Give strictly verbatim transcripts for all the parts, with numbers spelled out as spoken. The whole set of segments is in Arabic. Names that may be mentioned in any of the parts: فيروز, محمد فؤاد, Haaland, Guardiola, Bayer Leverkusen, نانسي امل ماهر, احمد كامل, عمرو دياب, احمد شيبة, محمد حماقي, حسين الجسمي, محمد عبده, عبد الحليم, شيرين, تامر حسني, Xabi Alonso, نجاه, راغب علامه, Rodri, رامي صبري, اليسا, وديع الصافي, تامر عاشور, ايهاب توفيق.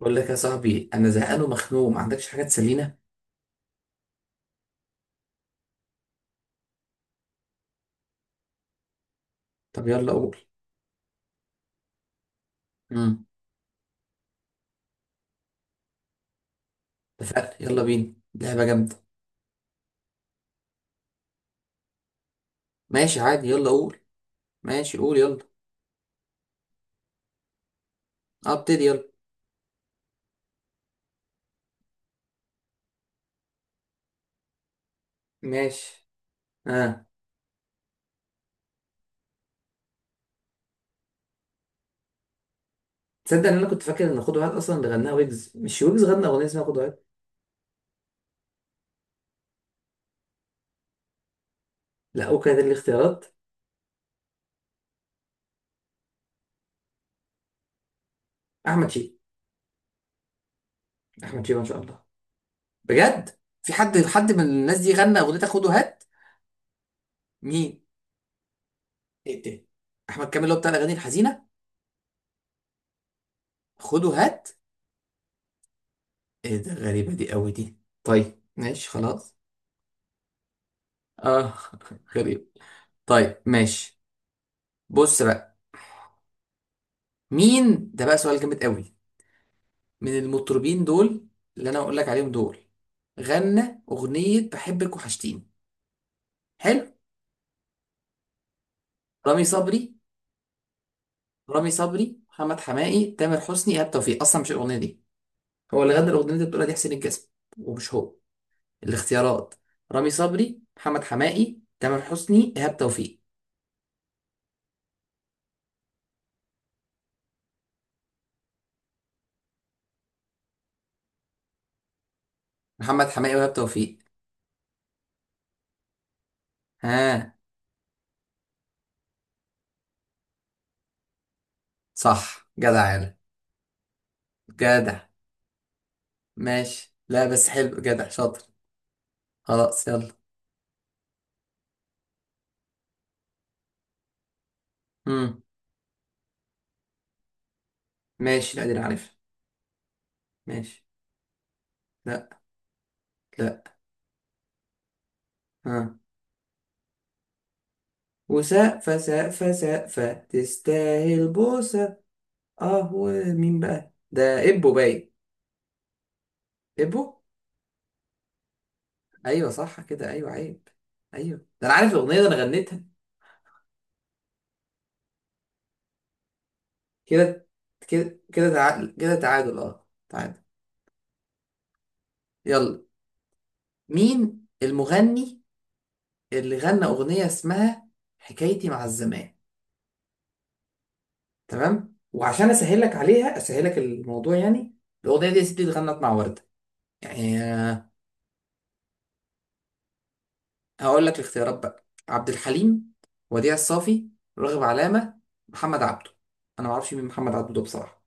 بقول لك يا صاحبي، انا زهقان ومخنوق، ما عندكش حاجه تسلينا؟ طب يلا قول. امم اتفقنا، يلا بينا لعبه جامده. ماشي عادي، يلا قول. ماشي، قول يلا. آه، ابتدي يلا. ماشي. اه، تصدق ان انا كنت فاكر ان خد واحد اصلا اللي غناها ويجز؟ مش ويجز غنى اغنيه اسمها خد واحد. لا، اوكي، ده الاختيارات. احمد شيبة. احمد شيبة ان شاء الله. بجد في حد حد من الناس دي غنى اغنيه خد وهات؟ مين؟ ايه ده؟ احمد كامل اللي هو بتاع الاغاني الحزينه؟ خد وهات؟ ايه ده، غريبه دي قوي دي. طيب ماشي خلاص. اه. غريب. طيب ماشي. بص بقى. مين ده بقى؟ سؤال جامد قوي. من المطربين دول، اللي انا هقول لك عليهم دول، غنى اغنية بحبك وحشتيني. حلو. رامي صبري. رامي صبري، محمد حماقي، تامر حسني، ايهاب توفيق. اصلا مش الاغنية دي. هو اللي غنى الاغنية اللي بتقولها دي حسين الجسمي، ومش هو. الاختيارات: رامي صبري، محمد حماقي، تامر حسني، ايهاب توفيق. محمد حماقي وايهاب توفيق. ها؟ صح، جدع يا عالم. جدع. ماشي. لا بس حلو، جدع، شاطر. خلاص يلا. امم ماشي. لا دي أنا عارفها. ماشي. لا. لا. ها؟ وسقفة سقفة سقفة تستاهل بوسة. اه، ومين بقى ده؟ ابو باي. ابو. ايوه صح كده، ايوه عيب. ايوه ده انا عارف الاغنيه، ده انا غنيتها. كده. كده كده تعادل، كده تعادل، اه تعادل. يلا. مين المغني اللي غنى اغنيه اسمها حكايتي مع الزمان؟ تمام، وعشان اسهل لك عليها، اسهل لك الموضوع يعني. الاغنيه دي يا ستي اتغنت مع ورده يعني. هقول لك الاختيارات بقى: عبد الحليم، وديع الصافي، راغب علامه، محمد عبده. انا ما اعرفش مين محمد عبده ده بصراحه.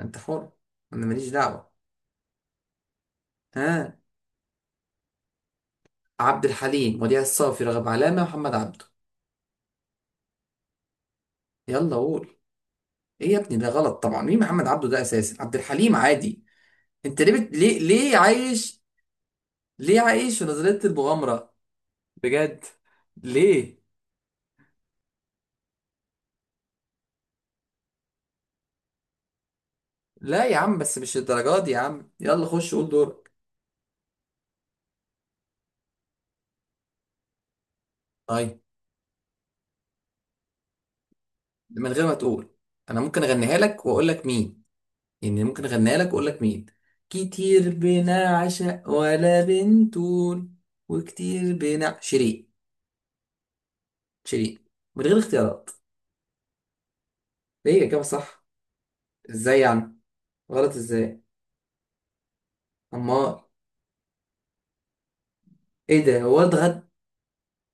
انت حر، انا ماليش دعوه. ها؟ عبد الحليم، وديع الصافي، راغب علامه، محمد عبده. يلا قول. ايه يا ابني، ده غلط طبعا. مين محمد عبده ده اساسا؟ عبد الحليم عادي. انت ليه بت... ليه ليه عايش؟ ليه عايش في نظريه المغامره؟ بجد، ليه؟ لا يا عم، بس مش الدرجات دي يا عم، يلا خش قول دورك. طيب. من غير ما تقول، انا ممكن اغنيها لك واقول لك مين. يعني ممكن اغنيها لك واقول لك مين. كتير بنا عشق ولا بنتول، وكتير بنا شيرين. شيرين. من غير اختيارات. ايه الاجابه صح. ازاي يعني؟ غلط ازاي؟ امال؟ ايه ده، ورد غد؟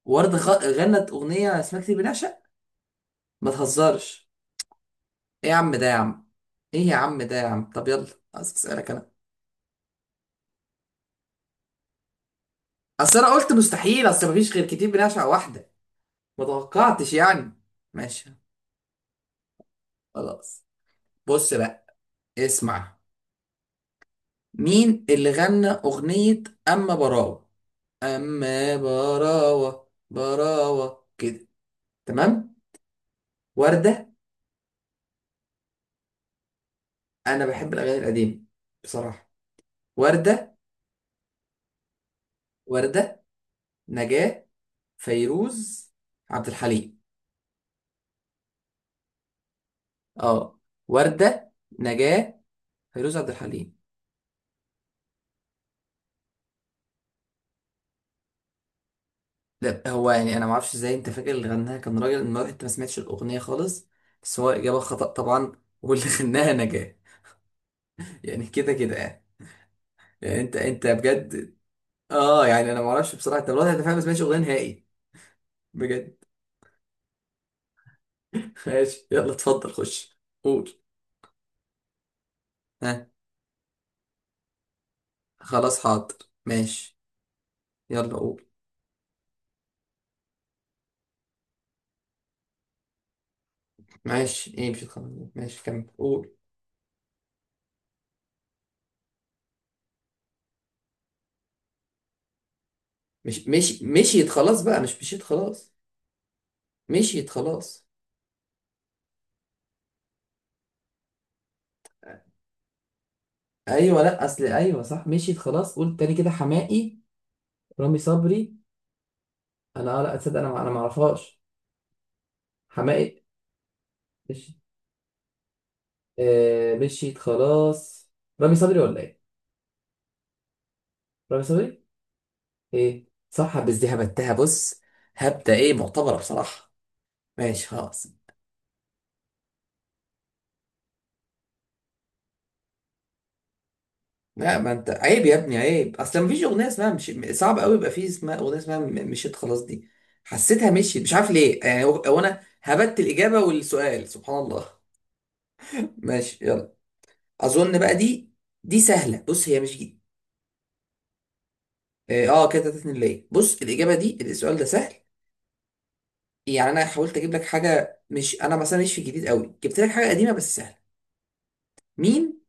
ورد خ... غنت اغنيه اسمها كتير بنعشق. ما تهزرش. ايه يا عم ده يا عم. ايه يا عم ده يا عم، طب يلا. اسالك انا. اصل انا قلت مستحيل، اصل مفيش غير كتير بنعشق واحده. ما توقعتش يعني. ماشي خلاص. بص بقى. اسمع. مين اللي غنى اغنيه اما براوه؟ اما براوه، براوه كده. تمام. ورده. انا بحب الاغاني القديمه بصراحه. ورده. ورده، نجاه، فيروز، عبد الحليم. اه. ورده، نجاه، فيروز، عبد الحليم. ده هو يعني. انا ما اعرفش ازاي انت فاكر اللي غناها كان راجل، المره انت ما سمعتش الاغنيه خالص، بس هو اجابه خطا طبعا. واللي غناها نجاه. يعني كده كده يعني. يعني انت انت بجد؟ اه يعني انا ما اعرفش بصراحه انت الوضع. انت فعلا ما سمعتش اغنيه نهائي. بجد. ماشي يلا، اتفضل خش. قول. ها؟ خلاص، حاضر. ماشي. يلا قول. ماشي، ايه مشيت خلاص. ماشي كمل قول. مش مش مشيت خلاص بقى. مش مشيت خلاص. مشيت خلاص. ايوه لا، اصل ايوه صح مشيت خلاص. قول تاني كده. حماقي؟ رامي صبري؟ انا اه، لا اتصدق، انا ما- انا ما اعرفهاش. حماقي؟ مش. آه، مشيت خلاص. رامي صبري ولا ايه؟ رامي صبري. ايه صح. بس دي هبتها، بص. هبدة، ايه معتبرة بصراحة. ماشي خلاص. لا ما انت عيب يا ابني، عيب اصلا. مفيش اغنية اسمها مش صعب قوي يبقى في اسمها اغنية اسمها م- مشيت خلاص دي. حسيتها مشيت، مش عارف ليه يعني. هو هو انا هبت الإجابة والسؤال، سبحان الله. ماشي يلا. اظن بقى دي، دي سهلة. بص، هي مش. اه آه، كده تلاتة اتنين. ليه؟ بص الاجابه دي، السؤال ده سهل يعني. انا حاولت اجيب لك حاجه مش انا مثلا مش في الجديد قوي، جبت لك حاجه قديمه بس سهله. مين؟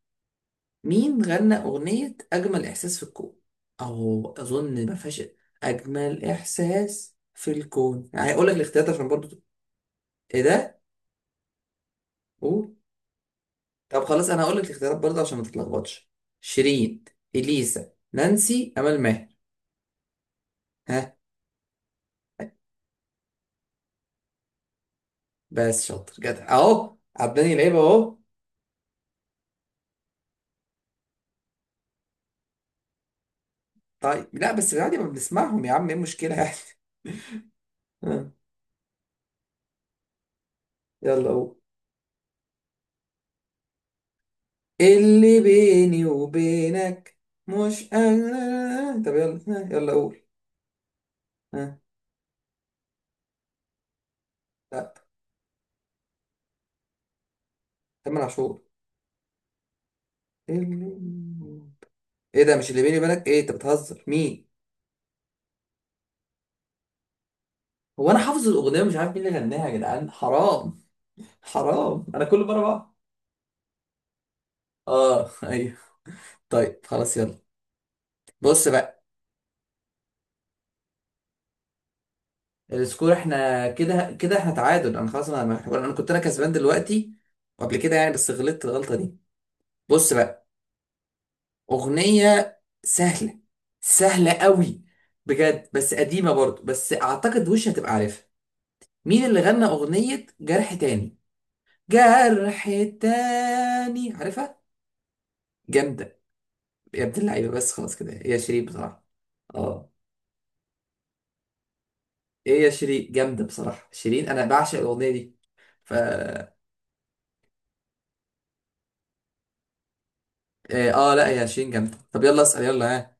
مين غنى اغنيه اجمل احساس في الكون؟ اهو اظن ما فيهاش. اجمل احساس في الكون، يعني هقول لك الاختيارات عشان برضو. ايه ده؟ قول. طب خلاص، انا هقول لك الاختيارات برضو عشان ما تتلخبطش. شيرين، اليسا، نانسي، امل ماهر. ها؟ بس شاطر جدع اهو، عداني لعيبه اهو. طيب لا، بس عادي ما بنسمعهم يا عم، ايه المشكلة يعني؟ ها، يلا هو. اللي بيني وبينك. مش انا. طب يلا، ها، يلا قول. ها؟ لا. تامر عاشور. اللي- ايه ده، مش اللي بيني وبينك؟ ايه انت بتهزر مين؟ هو انا حافظ الاغنيه ومش عارف مين اللي غناها يا جدعان، حرام. حرام. انا كل مره بقى. اه ايوه. طيب خلاص يلا. بص بقى، السكور احنا كده كده احنا تعادل. انا خلاص، انا انا كنت انا كسبان دلوقتي قبل كده يعني، بس غلطت الغلطه دي. بص بقى، اغنيه سهله. سهله قوي بجد، بس قديمه برضه، بس اعتقد وش هتبقى عارفها. مين اللي غنى اغنيه جرح تاني؟ جرح تاني، عارفها. جامده. يا ابن اللعيبه. بس خلاص كده، هي شيرين بصراحه. اه. ايه يا شيرين، جامده بصراحه شيرين. انا بعشق الاغنيه دي. فا. اه آه، لا يا شيرين جامده. طب يلا اسال، يلا ها.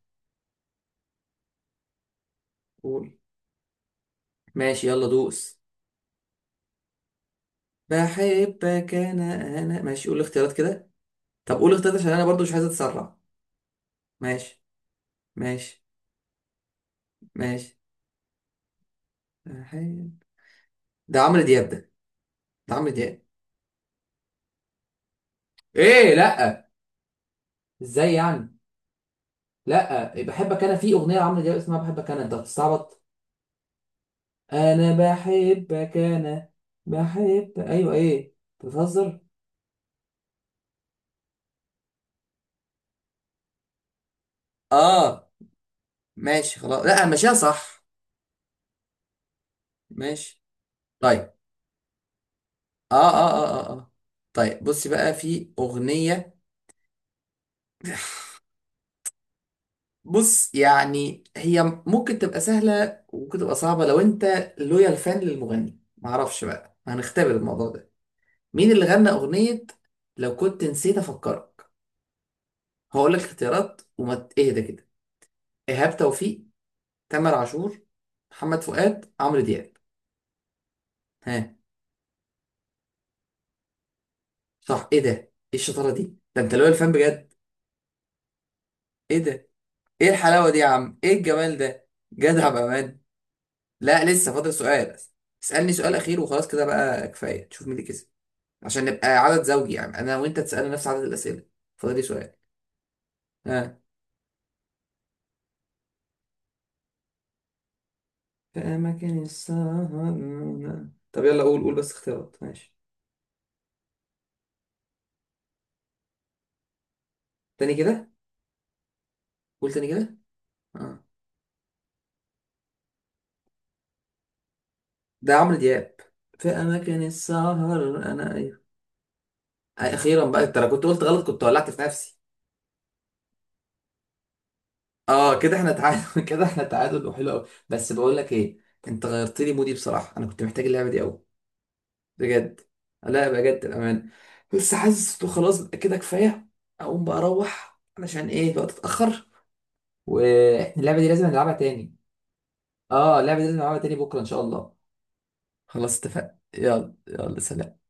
قول. ماشي، يلا دوس. بحبك انا. انا ماشي، قول الاختيارات كده. طب قول اختيارات عشان انا برضو مش عايز اتسرع. ماشي. ماشي. ماشي. حي- ده عمرو دياب ده. ده عمرو دياب. ايه لا. ازاي يعني؟ لا بحبك انا، في اغنيه لعمرو دياب اسمها بحبك انا. انت بتستعبط. انا بحبك انا. بحب، ايوه ايه؟ أنت بتهزر. اه. ماشي خلاص، لا ماشيها صح. ماشي. طيب. اه اه اه اه, آه. طيب بصي بقى، في أغنية. بص يعني هي ممكن تبقى سهلة وممكن تبقى صعبة لو انت لويال فان للمغني، معرفش بقى، هنختبر الموضوع ده. مين اللي غنى أغنية لو كنت نسيت أفكرك؟ هقول لك اختيارات، وما ت- اهدى كده. إيهاب توفيق، تامر عاشور، محمد فؤاد، عمرو دياب. ها؟ صح. ايه ده، ايه الشطارة دي، ده انت لويال فان بجد. ايه ده، ايه الحلاوة دي يا عم، ايه الجمال ده. جدع بأمان. لا لسه فاضل سؤال. اسألني سؤال أخير وخلاص، كده بقى كفاية، تشوف مين اللي كسب. عشان نبقى عدد زوجي يعني، انا وانت تسألنا نفس عدد الأسئلة. فاضلي سؤال. ها؟ في اماكن السهرة. طب يلا قول، قول بس اختيارات ماشي. تاني كده. قول تاني كده. اه. ده عمرو دياب. في اماكن السهر، انا ايوه. آه، اخيرا بقى. انت لو كنت قلت غلط كنت ولعت في نفسي. اه، كده احنا تعادل. كده احنا تعادل، وحلو قوي. بس بقول لك ايه، انت غيرت لي مودي بصراحة. انا كنت محتاج اللعبة دي قوي. بجد. لا بجد الأمان. بس حاسس إنه خلاص بقى، كده كفاية. أقوم بقى أروح، علشان إيه، الوقت اتأخر. وإحنا اللعبة دي لازم نلعبها تاني. آه، اللعبة دي لازم نلعبها تاني بكرة إن شاء الله. خلاص اتفقنا، يلا يلا، سلام.